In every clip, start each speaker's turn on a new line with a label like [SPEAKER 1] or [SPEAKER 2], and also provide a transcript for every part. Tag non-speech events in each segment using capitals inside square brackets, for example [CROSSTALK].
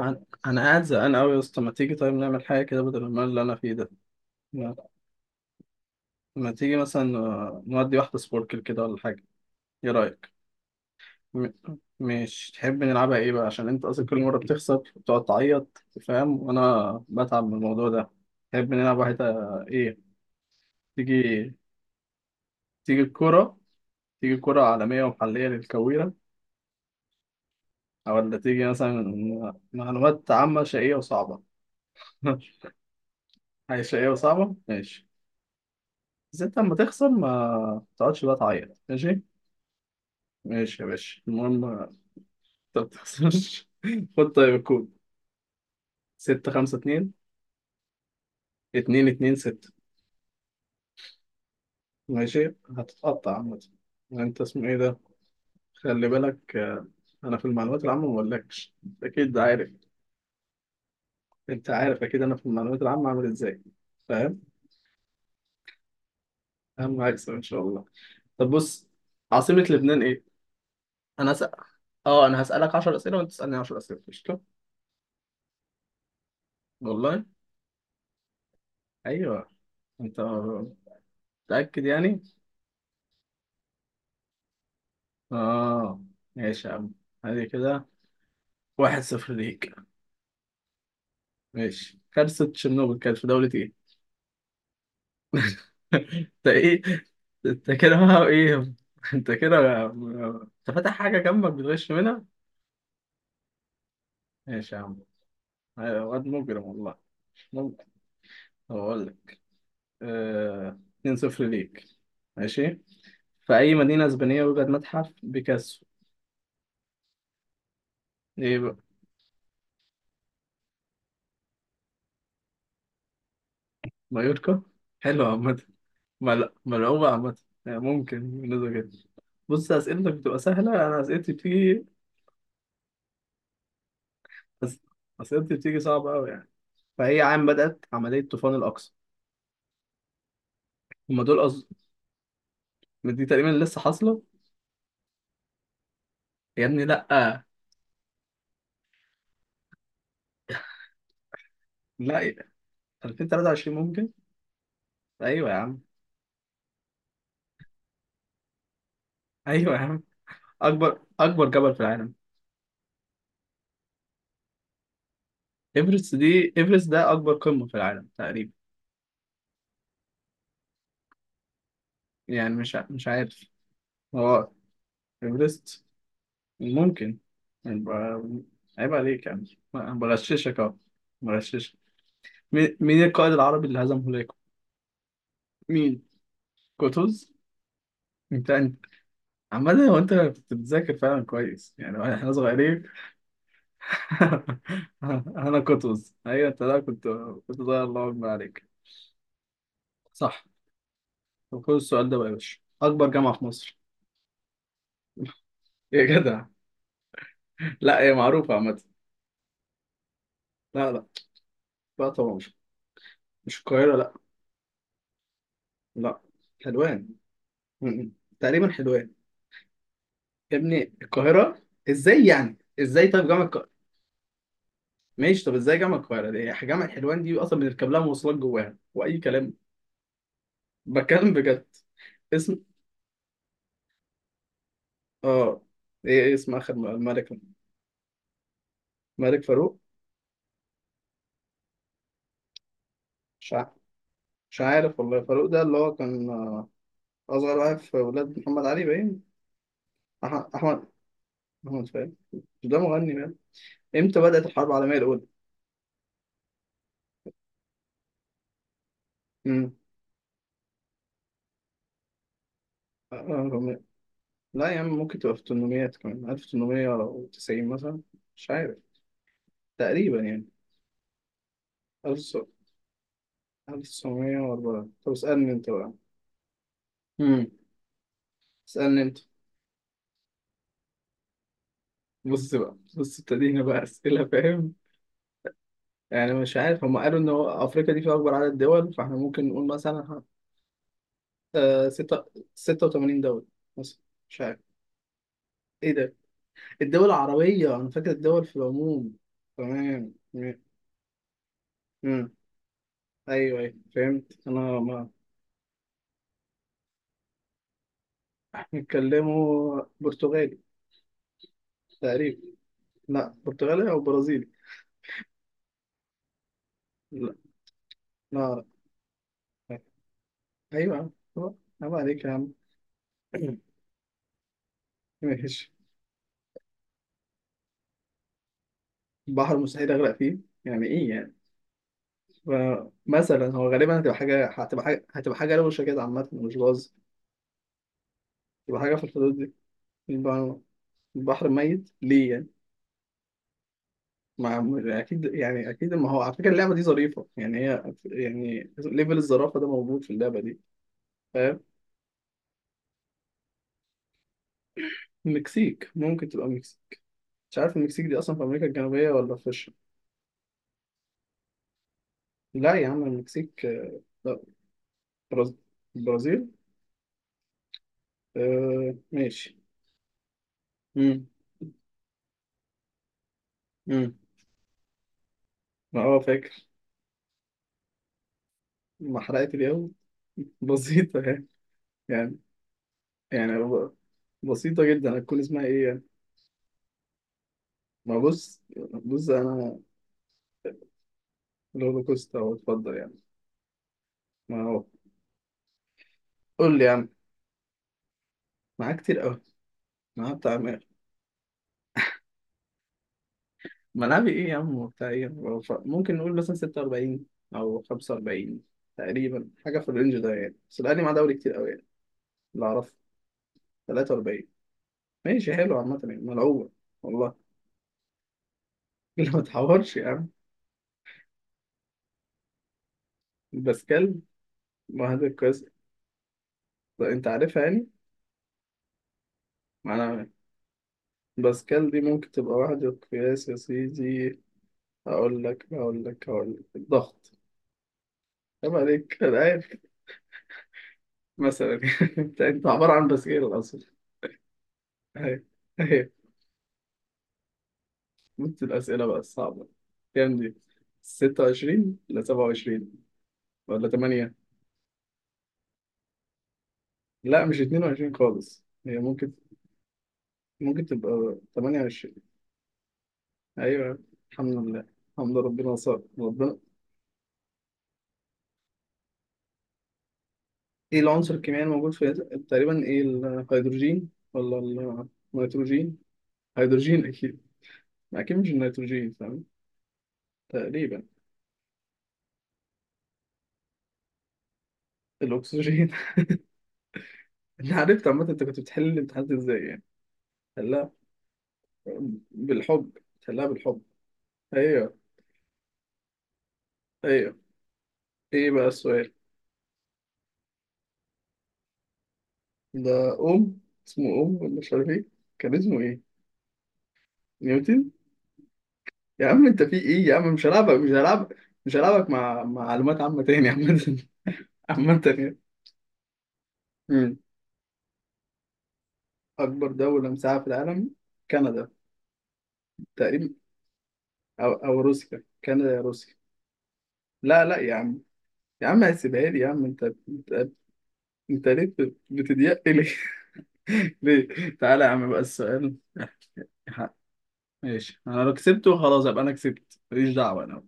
[SPEAKER 1] أنا قاعد زهقان أوي يا اسطى، ما تيجي طيب نعمل حاجة كده بدل المال اللي أنا فيه ده. ما, ما تيجي مثلا نودي واحدة سبوركل كده ولا حاجة. إيه رأيك؟ م... مش تحب نلعبها إيه بقى عشان أنت أصلا كل مرة بتخسر بتقعد تعيط فاهم، وأنا بتعب من الموضوع ده. تحب نلعب واحدة؟ إيه؟ تيجي، تيجي الكورة، تيجي الكورة عالمية ومحلية للكويرة، أو ولا تيجي مثلا معلومات عامة شقية وصعبة. [LAUGHS] حاجة شقية وصعبة، ماشي. بس أنت لما تخسر ما تقعدش بقى تعيط، ماشي. ماشي يا باشا، المهم ما تخسرش. [LAUGHS] خد طيب الكود. ستة خمسة اتنين، اتنين اتنين ستة. ماشي، هتتقطع عامة. انت اسمه ايه ده؟ خلي بالك انا في المعلومات العامة ما بقولكش، اكيد ده عارف. انت عارف اكيد انا في المعلومات العامة عامل ازاي؟ فاهم، اهم هكسب ان شاء الله. طب بص، عاصمة لبنان ايه؟ انا هسأل، اه انا هسألك 10 اسئلة وانت تسألني 10 اسئلة، قشطة؟ والله؟ ايوه. انت متأكد يعني؟ اه، ماشي يا عم. هذه كده، واحد صفر ليك. ماشي، كارثة تشيرنوبل كانت في دولة ايه؟ [LAUGHS] انت ايه؟ انت كده بقى ايه؟ انت فاتح حاجة جنبك بتغش منها؟ ماشي يا عم. أيوة، واد مجرم والله. ممكن. طب أقول لك، آه... 2-0 ليك. ماشي، في أي مدينة إسبانية يوجد متحف بيكاسو؟ إيه بقى؟ مايوركا؟ حلو عامة. ملعوبة عامة، يعني ممكن بالنسبة كده. بص، أسئلتك بتبقى سهلة، أنا أسئلتي بتيجي، أس... أسئلتي بتيجي صعبة أوي يعني. فهي عام بدأت عملية طوفان الأقصى؟ هما دول قصدي، دي تقريبا لسه حاصلة. يا ابني لأ. لا. 2023 ممكن. أيوة يا عم. أيوة يا عم. أكبر جبل في العالم؟ إيفرست، دي إيفرست ده أكبر قمة في العالم تقريبا. يعني مش عارف، هو إيفرست، ممكن، يبقى عيب عليك يعني أنا بغششك أهو، بغششك. مين القائد العربي اللي هزم هولاكو؟ مين؟ قطز؟ انت عمال هو، انت كنت بتذاكر فعلا كويس يعني احنا صغيرين. [LAUGHS] انا قطز، ايوه انت ده كنت، كنت ضايع، الله اكبر عليك. صح. طب خد السؤال ده بقى يا باشا، اكبر جامعه في مصر. [LAUGHS] يا جدع، لا هي معروفه عامه. لا لا. لا طبعا مش، مش القاهره لا. لا حلوان. م- م. تقريبا حلوان. يا ابني القاهره؟ ازاي يعني؟ ازاي طيب جامعه القاهره؟ ماشي طب ازاي جامعه القاهره، دي جامعه حلوان دي اصلا بنركب لها مواصلات جواها واي كلام. بتكلم بجد. اسم، اه ايه، إيه اسم اخر الملك؟ الملك فاروق؟ مش عارف. مش عارف والله، فاروق ده اللي هو كان أصغر واحد في ولاد محمد علي باين. أحمد أحمد، فاهم. مش ده مغني باين. إمتى بدأت الحرب العالمية الأولى؟ امم آه، آه، لا يا عم، ممكن تبقى في التمنميات كمان، 1890 مثلا. مش عارف، تقريبا يعني. 1904. طب اسألني أنت بقى. امم اسألني أنت. بص بقى، بص ابتدينا بقى أسئلة فاهم، يعني مش عارف. هم قالوا إن هو أفريقيا دي فيها أكبر عدد دول، فإحنا ممكن نقول مثلا ستة، ستة وتمانين دولة مثلا. مش عارف. ايه ده؟ الدول العربية، أنا فاكر الدول في العموم. تمام، تمام. مم. أيوه أيوه فهمت أنا، ما. بيتكلموا برتغالي تقريبا. لا برتغالي أو برازيلي. لا، لا أعرف. أيوه يا عم. طبعا. عيب عليك يا عم. [CLEARS THROAT] ماشي. بحر مستحيل أغرق فيه؟ يعني إيه يعني؟ ف- مثلا هو غالبا هتبقى حاجة، هتبقى حاجة، هتبقى حاجة روشة كده عامة مش باظ، تبقى حاجة في الحدود دي. البحر، البحر ميت ليه يعني؟ ما اكيد يعني، اكيد ما هو. على فكره اللعبه دي ظريفه يعني، هي يعني ليفل الظرافه ده موجود في اللعبه دي. فاهم. المكسيك، ممكن تبقى المكسيك، مش عارف المكسيك دي اصلا في امريكا الجنوبيه ولا في لا يا عم المكسيك لا. برز... البرازيل. آه ماشي. امم امم ما هو فاكر. ما حرقت اليوم. [LAUGHS] بسيطه يعني، يعني، يعني هو بسيطه جدا، هتكون اسمها ايه يعني؟ ما بص، بص انا. الهولوكوست، اهو اتفضل يعني. ما هو، قول لي يا عم. معاك كتير، ما هو بتاع ملعبي ايه يا عم وبتاع ايه هو ممكن نقول مثلا 46 او 45 تقريبا، حاجه في الرينج ده يعني، بس الاهلي معاه دوري كتير قوي يعني. اللي اعرفه 43. ماشي حلو عامه يعني، ملعوبه والله. [LAUGHS] اللي ما تحورش يا عم. باسكال، واحد القياس. طب انت عارفها يعني؟ ما انا باسكال دي ممكن تبقى واحد القياس يا سيدي. هقول لك، هقول لك، هقول لك الضغط. عيب عليك، انا عارف. مثلا. [LAUGHS] انت عباره عن باسكال اصلا. أيوة. أيوه. نفس الأسئلة بقى الصعبة. كام دي؟ 26 ولا 27 ولا 8. لا مش 22 خالص، هي ممكن، ممكن تبقى 28. أيوة، الحمد لله، الحمد لله، ربنا صار ربنا. إيه العنصر الكيميائي الموجود في؟ تقريبا إيه، الهيدروجين ولا النيتروجين؟ هيدروجين أكيد، أكيد مش النيتروجين، فاهم، تقريبا. الأكسجين؟ [LAUGHS] أنا عرفت عامة أنت كنت بتحل الامتحانات إزاي يعني. حلها بالحب. حلها بالحب. أيوه. ايوه. ايه بقى السؤال؟ ده، أم، اسمه أم ولا مش عارف إيه؟ كان اسمه إيه؟ نيوتن، يا عم أنت في إيه يا عم، مش هلعبك، مش هلعبك، مش هلعبك مع معلومات عامة تاني عامة. [LAUGHS] عامة يعني. مم. أكبر دولة مساحة في العالم، كندا. تقريبا، أو، أو روسيا، كندا يا روسيا. لا لا يا عم، يا عم هسيبها لي يا عم. أنت, انت ليه بتضيق لي؟ [LAUGHS] ليه؟ تعالى يا عم بقى السؤال. [LAUGHS] ماشي، أنا لو كسبته خلاص أبقى أنا كسبت، ماليش دعوة. أنا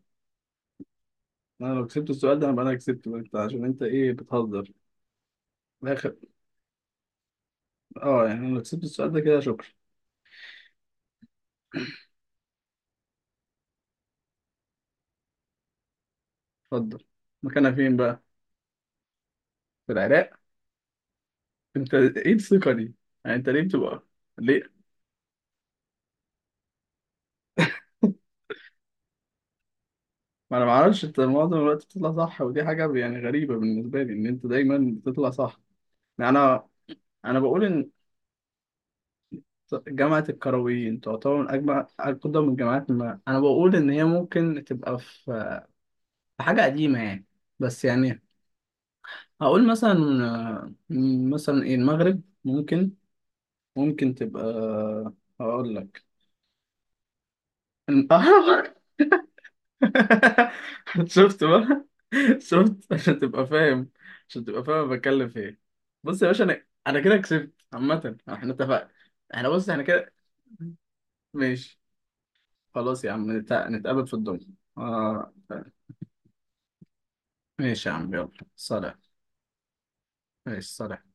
[SPEAKER 1] انا لو كسبت السؤال ده هبقى انا كسبت بقى، انت عشان انت ايه، بتهزر الاخر؟ اه يعني انا لو كسبت السؤال ده كده، شكرا. اتفضل. مكانها فين بقى؟ في العراق؟ انت ايه الثقة دي يعني، انت ليه بتبقى، ليه؟ [LAUGHS] ما انا معرفش، انت معظم الوقت بتطلع صح، ودي حاجة يعني غريبة بالنسبة لي ان انت دايما بتطلع صح. يعني انا، انا بقول ان جامعة الكرويين تعتبر من أجمع أقدم الجامعات، ما أنا بقول إن هي ممكن تبقى في، في حاجة قديمة يعني، بس يعني هقول مثلا آه، مثلا ايه، المغرب ممكن، ممكن تبقى، هقول لك. [LAUGHS] شفت بقى، شفت عشان تبقى فاهم، عشان تبقى فاهم أنا بتكلم في ايه. بص يا باشا، انا كده كسبت عامة، احنا اتفقنا. احنا بص احنا كده، ماشي. خلاص يا عم نتقابل في الدنيا. آه. ماشي يا عم يلا سلام. ماشي سلام.